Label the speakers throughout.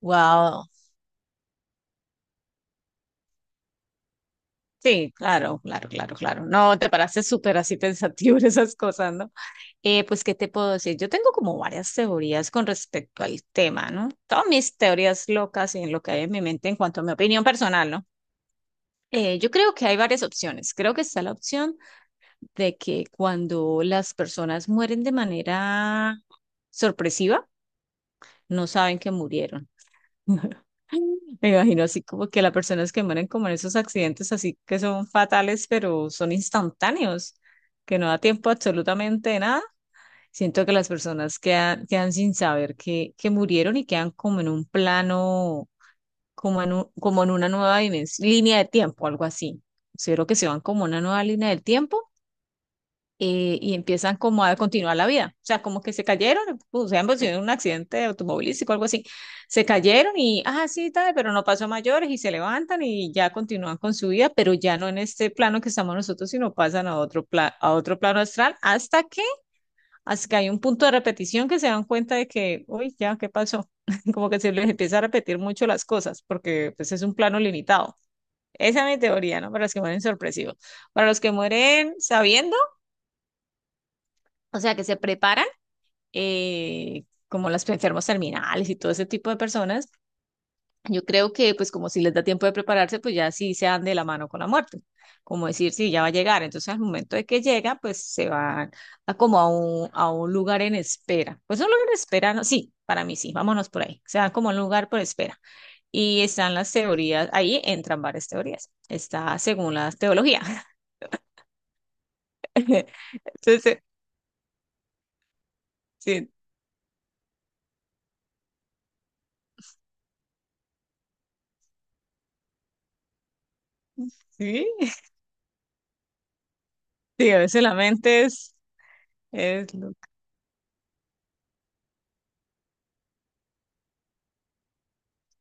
Speaker 1: Wow. Sí, claro, claro, claro, claro. No, te paraste súper así pensativo en esas cosas, ¿no? Pues, ¿qué te puedo decir? Yo tengo como varias teorías con respecto al tema, ¿no? Todas mis teorías locas y en lo que hay en mi mente en cuanto a mi opinión personal, ¿no? Yo creo que hay varias opciones. Creo que está la opción de que cuando las personas mueren de manera sorpresiva, no saben que murieron. Me imagino así como que las personas que mueren como en esos accidentes así que son fatales, pero son instantáneos, que no da tiempo absolutamente de nada. Siento que las personas quedan sin saber que murieron y quedan como en un plano, como en una línea de tiempo, algo así. Considero que se van como a una nueva línea del tiempo y empiezan como a continuar la vida. O sea, como que se cayeron, o sea, pues, en un accidente automovilístico algo así. Se cayeron y, ah, sí, tal, pero no pasó a mayores y se levantan y ya continúan con su vida, pero ya no en este plano que estamos nosotros, sino pasan a otro, a otro plano astral hasta que hay un punto de repetición que se dan cuenta de que, uy, ya, ¿qué pasó? Como que se les empieza a repetir mucho las cosas porque pues es un plano limitado. Esa es mi teoría, ¿no? Para los que mueren sorpresivos. Para los que mueren sabiendo, o sea, que se preparan como las enfermos terminales y todo ese tipo de personas, yo creo que pues como si les da tiempo de prepararse, pues ya sí se dan de la mano con la muerte. Como decir, sí, ya va a llegar. Entonces al momento de que llega, pues se van a como a a un lugar en espera. Pues un lugar en espera, no, sí, para mí sí, vámonos por ahí. Se dan como a un lugar por espera. Y están las teorías, ahí entran varias teorías. Está según la teología. Entonces, sí, sí, sí, a veces la mente es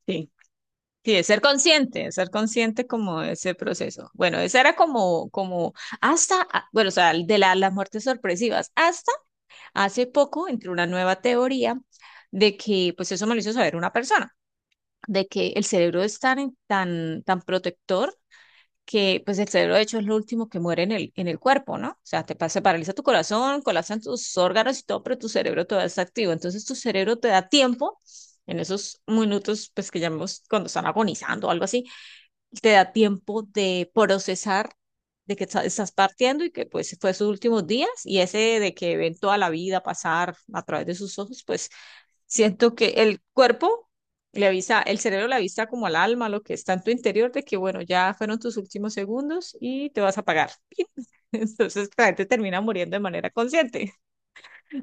Speaker 1: sí. Sí, de ser consciente como de ese proceso. Bueno, esa era como, como hasta, ah, bueno, o sea, las muertes sorpresivas, hasta hace poco entró una nueva teoría de que, pues eso me lo hizo saber una persona, de que el cerebro es tan, tan, tan protector que, pues el cerebro de hecho es lo último que muere en en el cuerpo, ¿no? O sea, te pasa, paraliza tu corazón, colapsan tus órganos y todo, pero tu cerebro todavía está activo. Entonces tu cerebro te da tiempo en esos minutos, pues que llamamos cuando están agonizando o algo así te da tiempo de procesar de que estás partiendo y que pues fue sus últimos días y ese de que ven toda la vida pasar a través de sus ojos, pues siento que el cuerpo le avisa, el cerebro le avisa como al alma, lo que está en tu interior, de que bueno, ya fueron tus últimos segundos y te vas a apagar. Entonces la gente termina muriendo de manera consciente.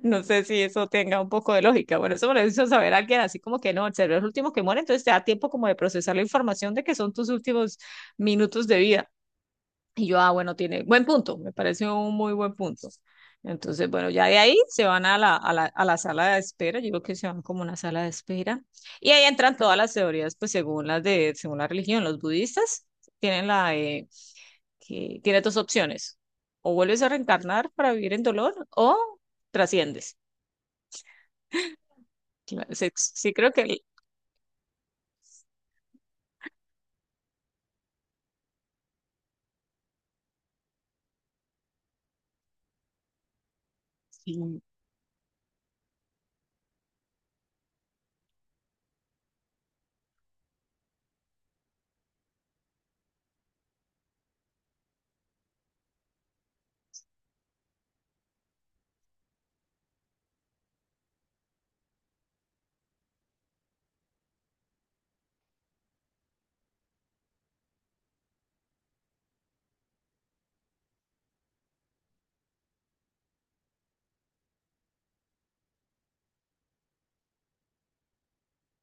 Speaker 1: No sé si eso tenga un poco de lógica. Bueno, eso me lo hizo saber alguien así como que no, el cerebro es el último que muere, entonces te da tiempo como de procesar la información de que son tus últimos minutos de vida. Y yo, ah, bueno, tiene buen punto, me parece un muy buen punto. Entonces, bueno, ya de ahí se van a a la sala de espera, yo creo que se van como una sala de espera. Y ahí entran todas las teorías, pues según según la religión, los budistas tienen la, que tiene dos opciones, o vuelves a reencarnar para vivir en dolor o trasciendes. Claro, sí, sí creo que sí.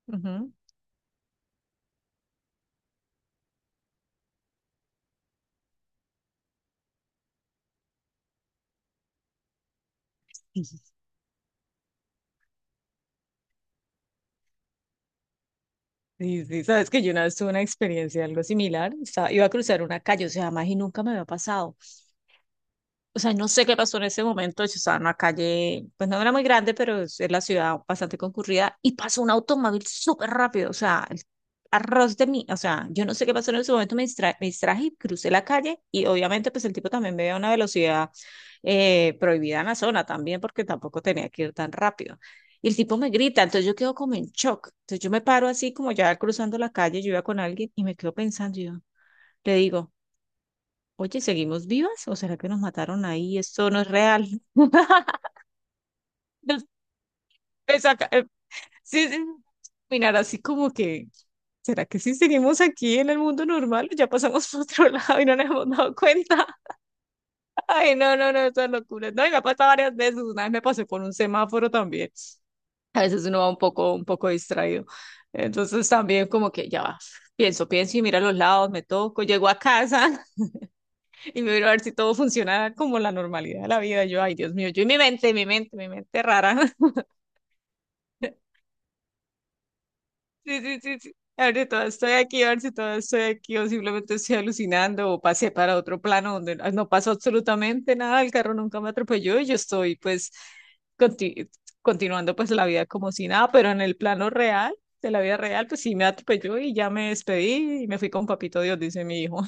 Speaker 1: Ujú. Sí, sí, sabes que yo una vez tuve una experiencia algo similar. Iba a cruzar una calle, o sea, más y nunca me había pasado. O sea, no sé qué pasó en ese momento, yo estaba en una calle, pues no era muy grande, pero es la ciudad bastante concurrida, y pasó un automóvil súper rápido, o sea, el arroz de mí, o sea, yo no sé qué pasó en ese momento, me distraje, y crucé la calle, y obviamente pues el tipo también me veía a una velocidad prohibida en la zona también, porque tampoco tenía que ir tan rápido. Y el tipo me grita, entonces yo quedo como en shock. Entonces yo me paro así como ya cruzando la calle, yo iba con alguien y me quedo pensando, y yo le digo, oye, ¿seguimos vivas? ¿O será que nos mataron ahí? Esto no es real. Empecé a ca- eh, Sí, sí. Mirar así como que, ¿será que sí seguimos aquí en el mundo normal? O ya pasamos por otro lado y no nos hemos dado cuenta. Ay, no, no, no, eso es locura. No, y me ha pasado varias veces. Una vez me pasé por un semáforo también. A veces uno va un poco distraído. Entonces también como que ya va. Pienso, pienso y miro a los lados, me toco, llego a casa. Y me miro a ver si todo funciona como la normalidad de la vida. Yo, ay, Dios mío, yo y mi mente, mi mente, mi mente rara. Sí, sí, sí, sí. A ver si todo estoy aquí, a ver si todo estoy aquí, o simplemente estoy alucinando, o pasé para otro plano donde no pasó absolutamente nada, el carro nunca me atropelló y yo estoy, pues, conti- continuando, pues, la vida como si nada, pero en el plano real, de la vida real, pues sí me atropelló y ya me despedí y me fui con papito Dios, dice mi hijo.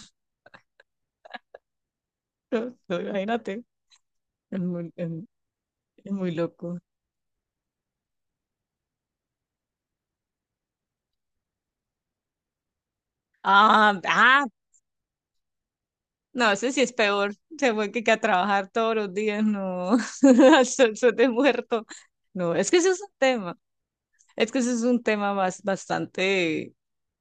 Speaker 1: No, no, imagínate, es muy, es muy loco. Ah, ah, no, ese sí es peor. Se fue que a trabajar todos los días, no, al sol, sol de muerto. No, es que ese es un tema. Es que ese es un tema más, bastante,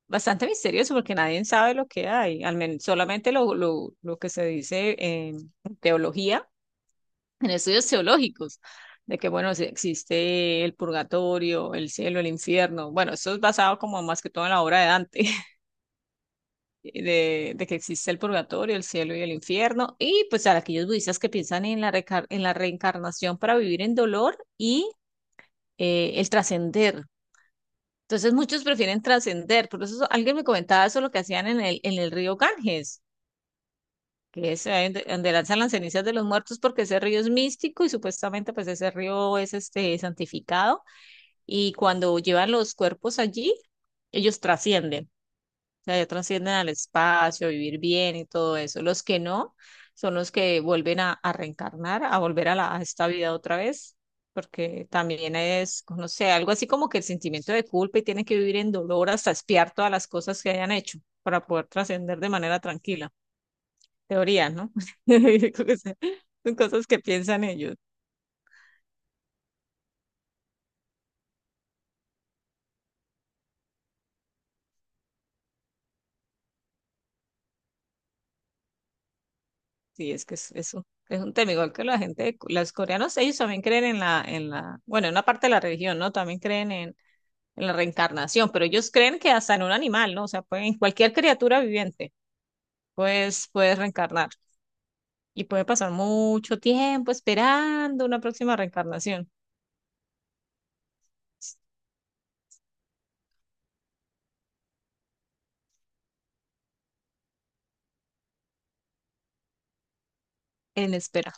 Speaker 1: bastante misterioso porque nadie sabe lo que hay. Al menos solamente lo que se dice en teología, en estudios teológicos, de que, bueno, si existe el purgatorio, el cielo, el infierno. Bueno, eso es basado como más que todo en la obra de Dante. De de que existe el purgatorio, el cielo y el infierno, y pues a aquellos budistas que piensan en la, en la reencarnación para vivir en dolor y el trascender. Entonces muchos prefieren trascender, por eso alguien me comentaba eso lo que hacían en en el río Ganges, que es ahí donde, donde lanzan las cenizas de los muertos porque ese río es místico y supuestamente pues ese río es este santificado y cuando llevan los cuerpos allí, ellos trascienden. Sea, ya trascienden al espacio, vivir bien y todo eso. Los que no son los que vuelven a reencarnar, a volver a, la, a esta vida otra vez, porque también es, no sé, algo así como que el sentimiento de culpa y tienen que vivir en dolor hasta espiar todas las cosas que hayan hecho para poder trascender de manera tranquila. Teoría, ¿no? Yo creo que son cosas que piensan ellos. Sí, es que es un tema igual que la gente, los coreanos, ellos también creen en la, bueno, en una parte de la religión, ¿no? También creen en la reencarnación, pero ellos creen que hasta en un animal, ¿no? O sea, pueden, cualquier criatura viviente, pues puedes reencarnar y puede pasar mucho tiempo esperando una próxima reencarnación en espera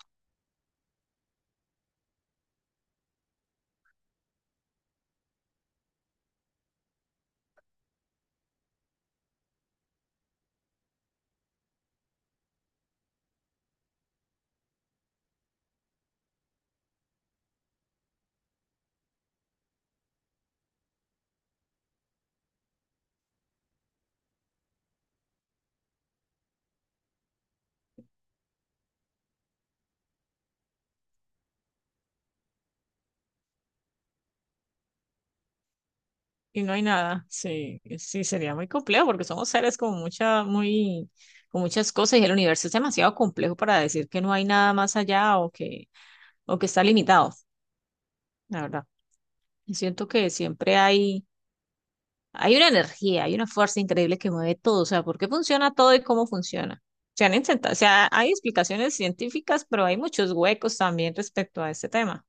Speaker 1: y no hay nada. Sí, sí, sería muy complejo porque somos seres con mucha, muy, con muchas cosas y el universo es demasiado complejo para decir que no hay nada más allá o que está limitado, la verdad. Yo siento que siempre hay hay una energía, hay una fuerza increíble que mueve todo, o sea, ¿por qué funciona todo y cómo funciona? Se han intentado, o sea, hay explicaciones científicas, pero hay muchos huecos también respecto a este tema.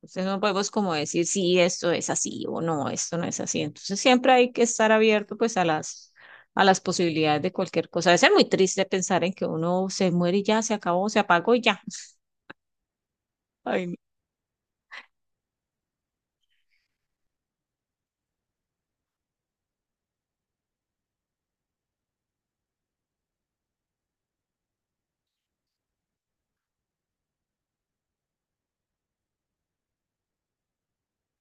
Speaker 1: Entonces no podemos como decir si esto es así o no, esto no es así. Entonces siempre hay que estar abierto pues a las posibilidades de cualquier cosa. A veces es muy triste pensar en que uno se muere y ya se acabó, se apagó y ya. Ay, no.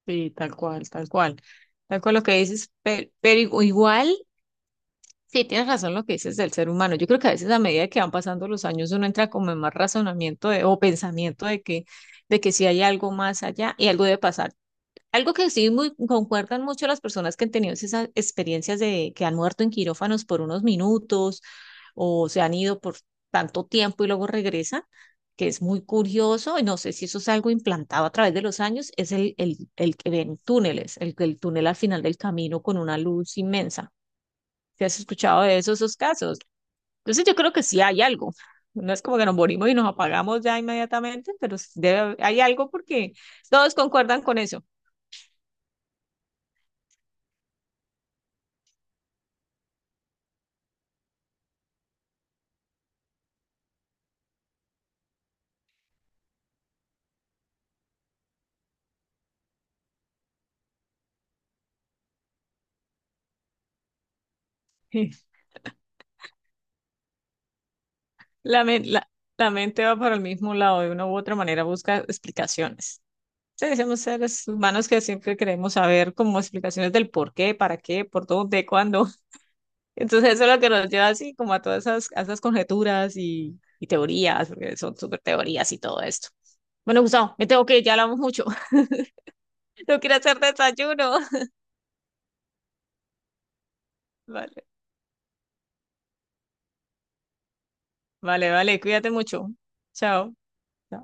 Speaker 1: Sí, tal cual, tal cual. Tal cual lo que dices, pero, igual sí, tienes razón lo que dices del ser humano. Yo creo que a veces a medida que van pasando los años uno entra como en más razonamiento o pensamiento de que sí hay algo más allá y algo debe pasar. Algo que sí muy, concuerdan mucho las personas que han tenido esas experiencias de que han muerto en quirófanos por unos minutos o se han ido por tanto tiempo y luego regresan, que es muy curioso y no sé si eso es algo implantado a través de los años, es el que ven túneles, el túnel al final del camino con una luz inmensa si has escuchado de esos, esos casos. Entonces yo creo que sí hay algo. No es como que nos morimos y nos apagamos ya inmediatamente, pero sí hay algo porque todos concuerdan con eso. Sí. La, la mente va para el mismo lado, de una u otra manera busca explicaciones. Sí, somos seres humanos que siempre queremos saber como explicaciones del por qué, para qué, por dónde, cuándo. Entonces eso es lo que nos lleva así como a todas esas, a esas conjeturas y teorías, porque son súper teorías y todo esto. Bueno, Gustavo, me tengo que ir, ya hablamos mucho. No quiero hacer desayuno. Vale, vale, vale, cuídate mucho. Chao.